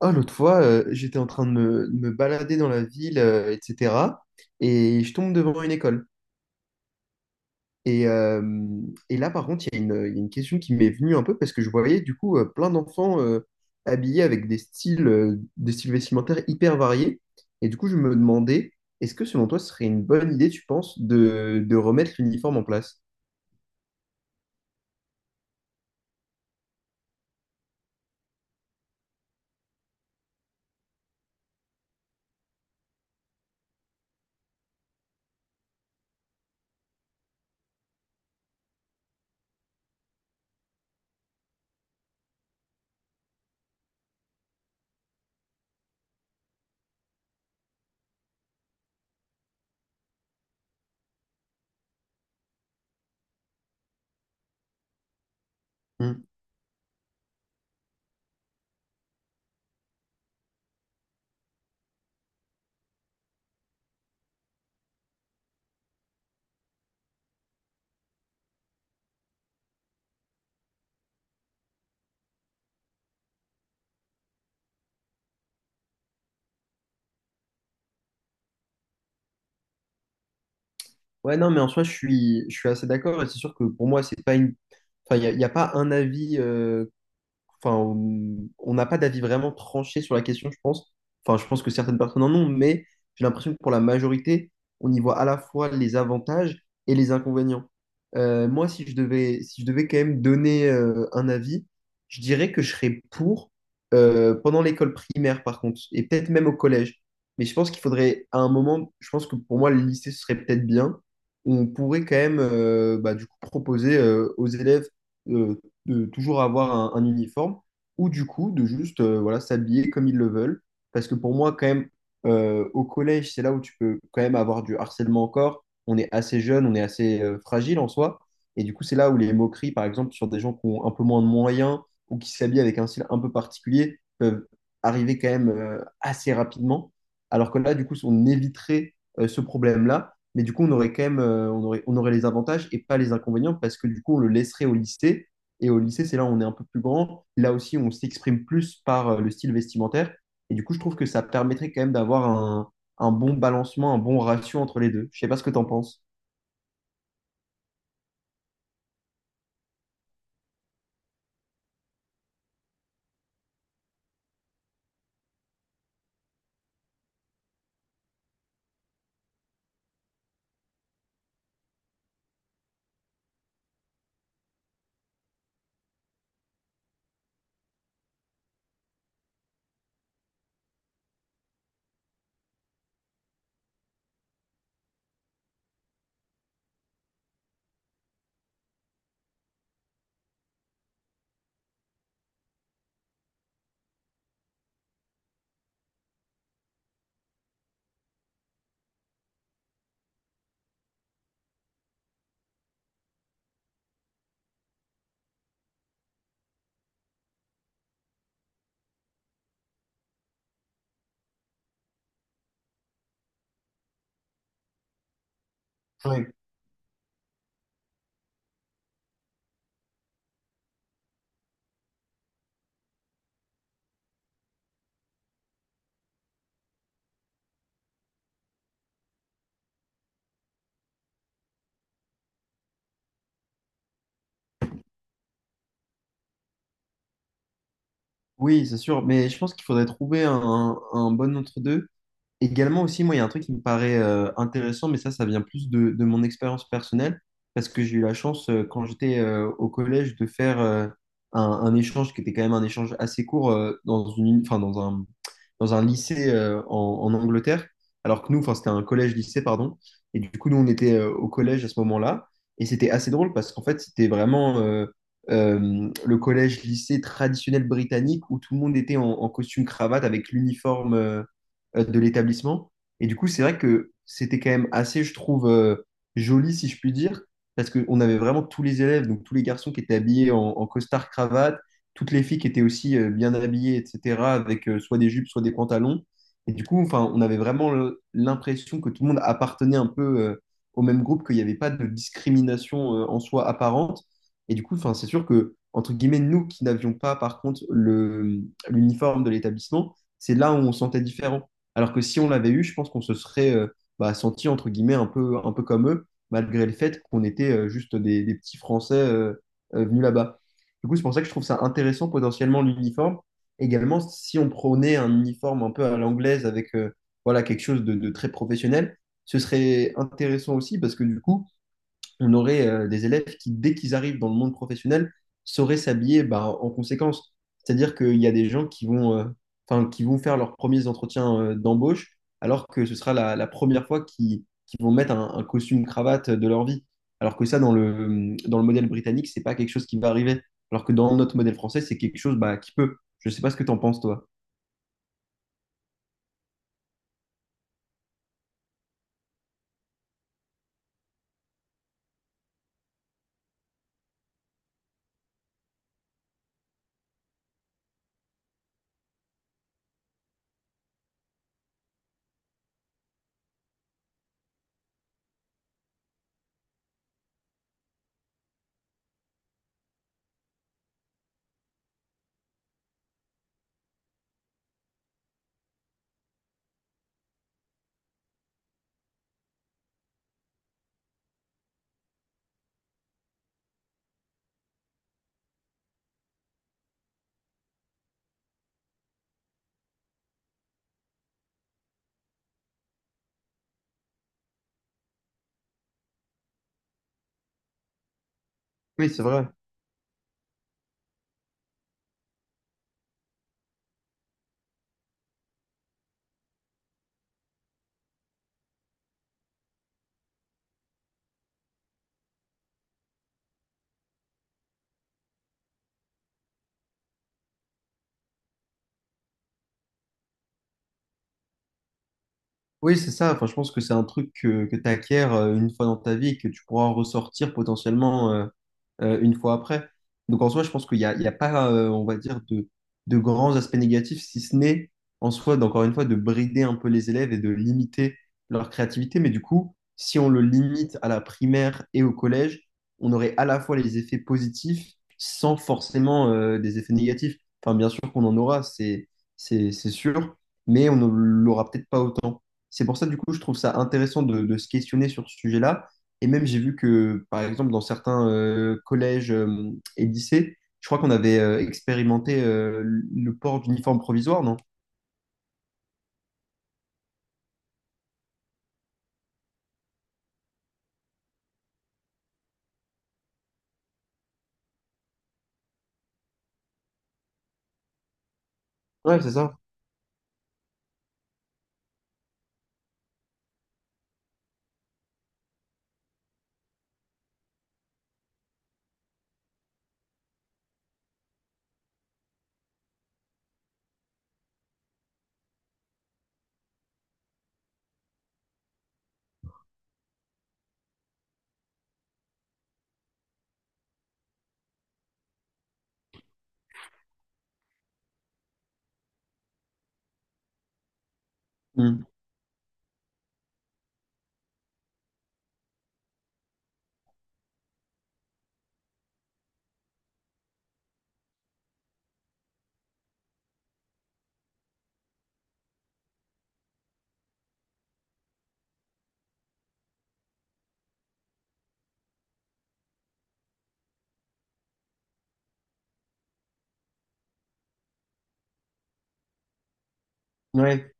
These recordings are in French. Oh, l'autre fois, j'étais en train de me balader dans la ville, etc. Et je tombe devant une école. Et, euh, et là, par contre, il y a une question qui m'est venue un peu parce que je voyais du coup plein d'enfants habillés avec des des styles vestimentaires hyper variés. Et du coup, je me demandais, est-ce que selon toi, ce serait une bonne idée, tu penses, de remettre l'uniforme en place? Hmm. Ouais, non, mais en soi, je suis assez d'accord. Et c'est sûr que pour moi, c'est pas une. Enfin, y a pas un avis enfin, on n'a pas d'avis vraiment tranché sur la question, je pense. Enfin, je pense que certaines personnes en ont, mais j'ai l'impression que pour la majorité, on y voit à la fois les avantages et les inconvénients. Moi, si je devais quand même donner un avis, je dirais que je serais pour pendant l'école primaire, par contre, et peut-être même au collège. Mais je pense qu'il faudrait, à un moment, je pense que pour moi, le lycée, ce serait peut-être bien. On pourrait quand même, bah, du coup, proposer aux élèves euh, de toujours avoir un uniforme, ou du coup de juste voilà, s'habiller comme ils le veulent. Parce que pour moi, quand même, au collège, c'est là où tu peux quand même avoir du harcèlement encore. On est assez jeune, on est assez fragile en soi. Et du coup, c'est là où les moqueries, par exemple, sur des gens qui ont un peu moins de moyens ou qui s'habillent avec un style un peu particulier, peuvent arriver quand même assez rapidement. Alors que là, du coup, on éviterait ce problème-là. Mais du coup, on aurait quand même, on aurait les avantages et pas les inconvénients parce que du coup, on le laisserait au lycée et au lycée, c'est là où on est un peu plus grand. Là aussi, on s'exprime plus par le style vestimentaire. Et du coup, je trouve que ça permettrait quand même d'avoir un bon balancement, un bon ratio entre les deux. Je sais pas ce que tu en penses. Ouais. Oui, c'est sûr, mais je pense qu'il faudrait trouver un bon entre-deux. Également aussi, moi, il y a un truc qui me paraît intéressant, mais ça vient plus de mon expérience personnelle, parce que j'ai eu la chance, quand j'étais au collège, de faire un échange qui était quand même un échange assez court dans une, enfin, dans un lycée en Angleterre, alors que nous, enfin, c'était un collège-lycée, pardon, et du coup, nous, on était au collège à ce moment-là, et c'était assez drôle, parce qu'en fait, c'était vraiment le collège-lycée traditionnel britannique, où tout le monde était en costume-cravate avec l'uniforme. De l'établissement. Et du coup, c'est vrai que c'était quand même assez, je trouve, joli, si je puis dire, parce qu'on avait vraiment tous les élèves, donc tous les garçons qui étaient habillés en costard-cravate, toutes les filles qui étaient aussi bien habillées, etc., avec soit des jupes, soit des pantalons. Et du coup, enfin, on avait vraiment l'impression que tout le monde appartenait un peu au même groupe, qu'il n'y avait pas de discrimination en soi apparente. Et du coup, enfin, c'est sûr que, entre guillemets, nous qui n'avions pas, par contre, l'uniforme de l'établissement, c'est là où on se sentait différent. Alors que si on l'avait eu, je pense qu'on se serait bah, senti entre guillemets un peu comme eux, malgré le fait qu'on était juste des petits Français venus là-bas. Du coup, c'est pour ça que je trouve ça intéressant potentiellement l'uniforme. Également, si on prenait un uniforme un peu à l'anglaise avec voilà, quelque chose de très professionnel, ce serait intéressant aussi parce que du coup, on aurait des élèves qui, dès qu'ils arrivent dans le monde professionnel, sauraient s'habiller bah, en conséquence. C'est-à-dire qu'il y a des gens qui vont, enfin, qui vont faire leurs premiers entretiens d'embauche, alors que ce sera la première fois qu'ils vont mettre un costume cravate de leur vie. Alors que ça, dans le modèle britannique, c'est pas quelque chose qui va arriver. Alors que dans notre modèle français, c'est quelque chose bah, qui peut. Je sais pas ce que tu en penses, toi. Oui, c'est vrai. Oui, c'est ça. Enfin, je pense que c'est un truc que tu acquiers une fois dans ta vie et que tu pourras ressortir potentiellement une fois après. Donc en soi, je pense qu'il n'y a, il y a pas, on va dire, de grands aspects négatifs, si ce n'est en soi, d'encore une fois, de brider un peu les élèves et de limiter leur créativité. Mais du coup, si on le limite à la primaire et au collège, on aurait à la fois les effets positifs sans forcément des effets négatifs. Enfin, bien sûr qu'on en aura, c'est sûr, mais on ne l'aura peut-être pas autant. C'est pour ça, du coup, je trouve ça intéressant de se questionner sur ce sujet-là. Et même, j'ai vu que, par exemple, dans certains collèges et lycées, je crois qu'on avait expérimenté le port d'uniforme provisoire, non? Ouais, c'est ça. Mm. Ouais.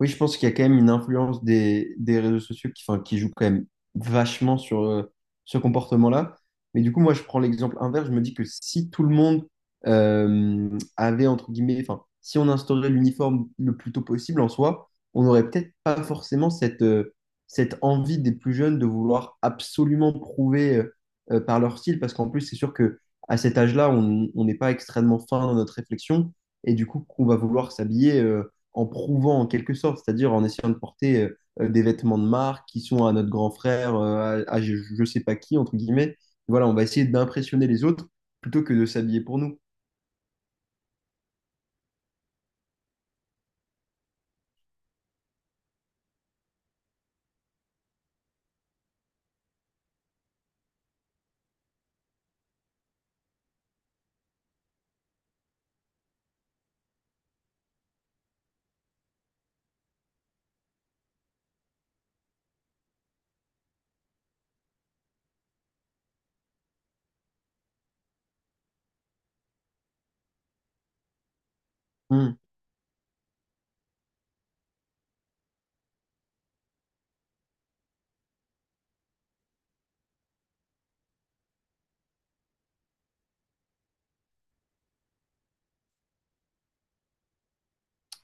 Oui, je pense qu'il y a quand même une influence des réseaux sociaux qui, enfin, qui joue quand même vachement sur ce comportement-là. Mais du coup, moi, je prends l'exemple inverse. Je me dis que si tout le monde euh, avait, entre guillemets, enfin, si on instaurait l'uniforme le plus tôt possible en soi, on n'aurait peut-être pas forcément cette, cette envie des plus jeunes de vouloir absolument prouver par leur style. Parce qu'en plus, c'est sûr que à cet âge-là, on n'est pas extrêmement fin dans notre réflexion. Et du coup, qu'on va vouloir s'habiller. En prouvant en quelque sorte, c'est-à-dire en essayant de porter des vêtements de marque qui sont à notre grand frère, à je ne sais pas qui, entre guillemets. Voilà, on va essayer d'impressionner les autres plutôt que de s'habiller pour nous. Hmm.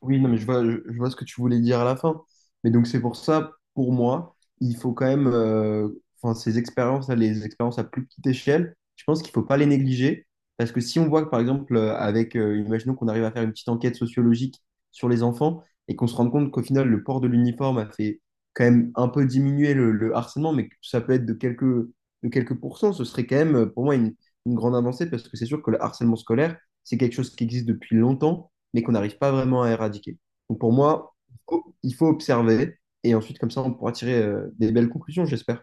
Oui, non, mais je, vois ce que tu voulais dire à la fin. Mais donc, c'est pour ça, pour moi, il faut quand même, enfin, ces expériences les expériences à plus petite échelle, je pense qu'il ne faut pas les négliger. Parce que si on voit que, par exemple, imaginons qu'on arrive à faire une petite enquête sociologique sur les enfants et qu'on se rende compte qu'au final, le port de l'uniforme a fait quand même un peu diminuer le harcèlement, mais que ça peut être de quelques pourcents, ce serait quand même, pour moi, une grande avancée parce que c'est sûr que le harcèlement scolaire, c'est quelque chose qui existe depuis longtemps mais qu'on n'arrive pas vraiment à éradiquer. Donc pour moi, il faut- observer et ensuite, comme ça, on pourra tirer des belles conclusions, j'espère.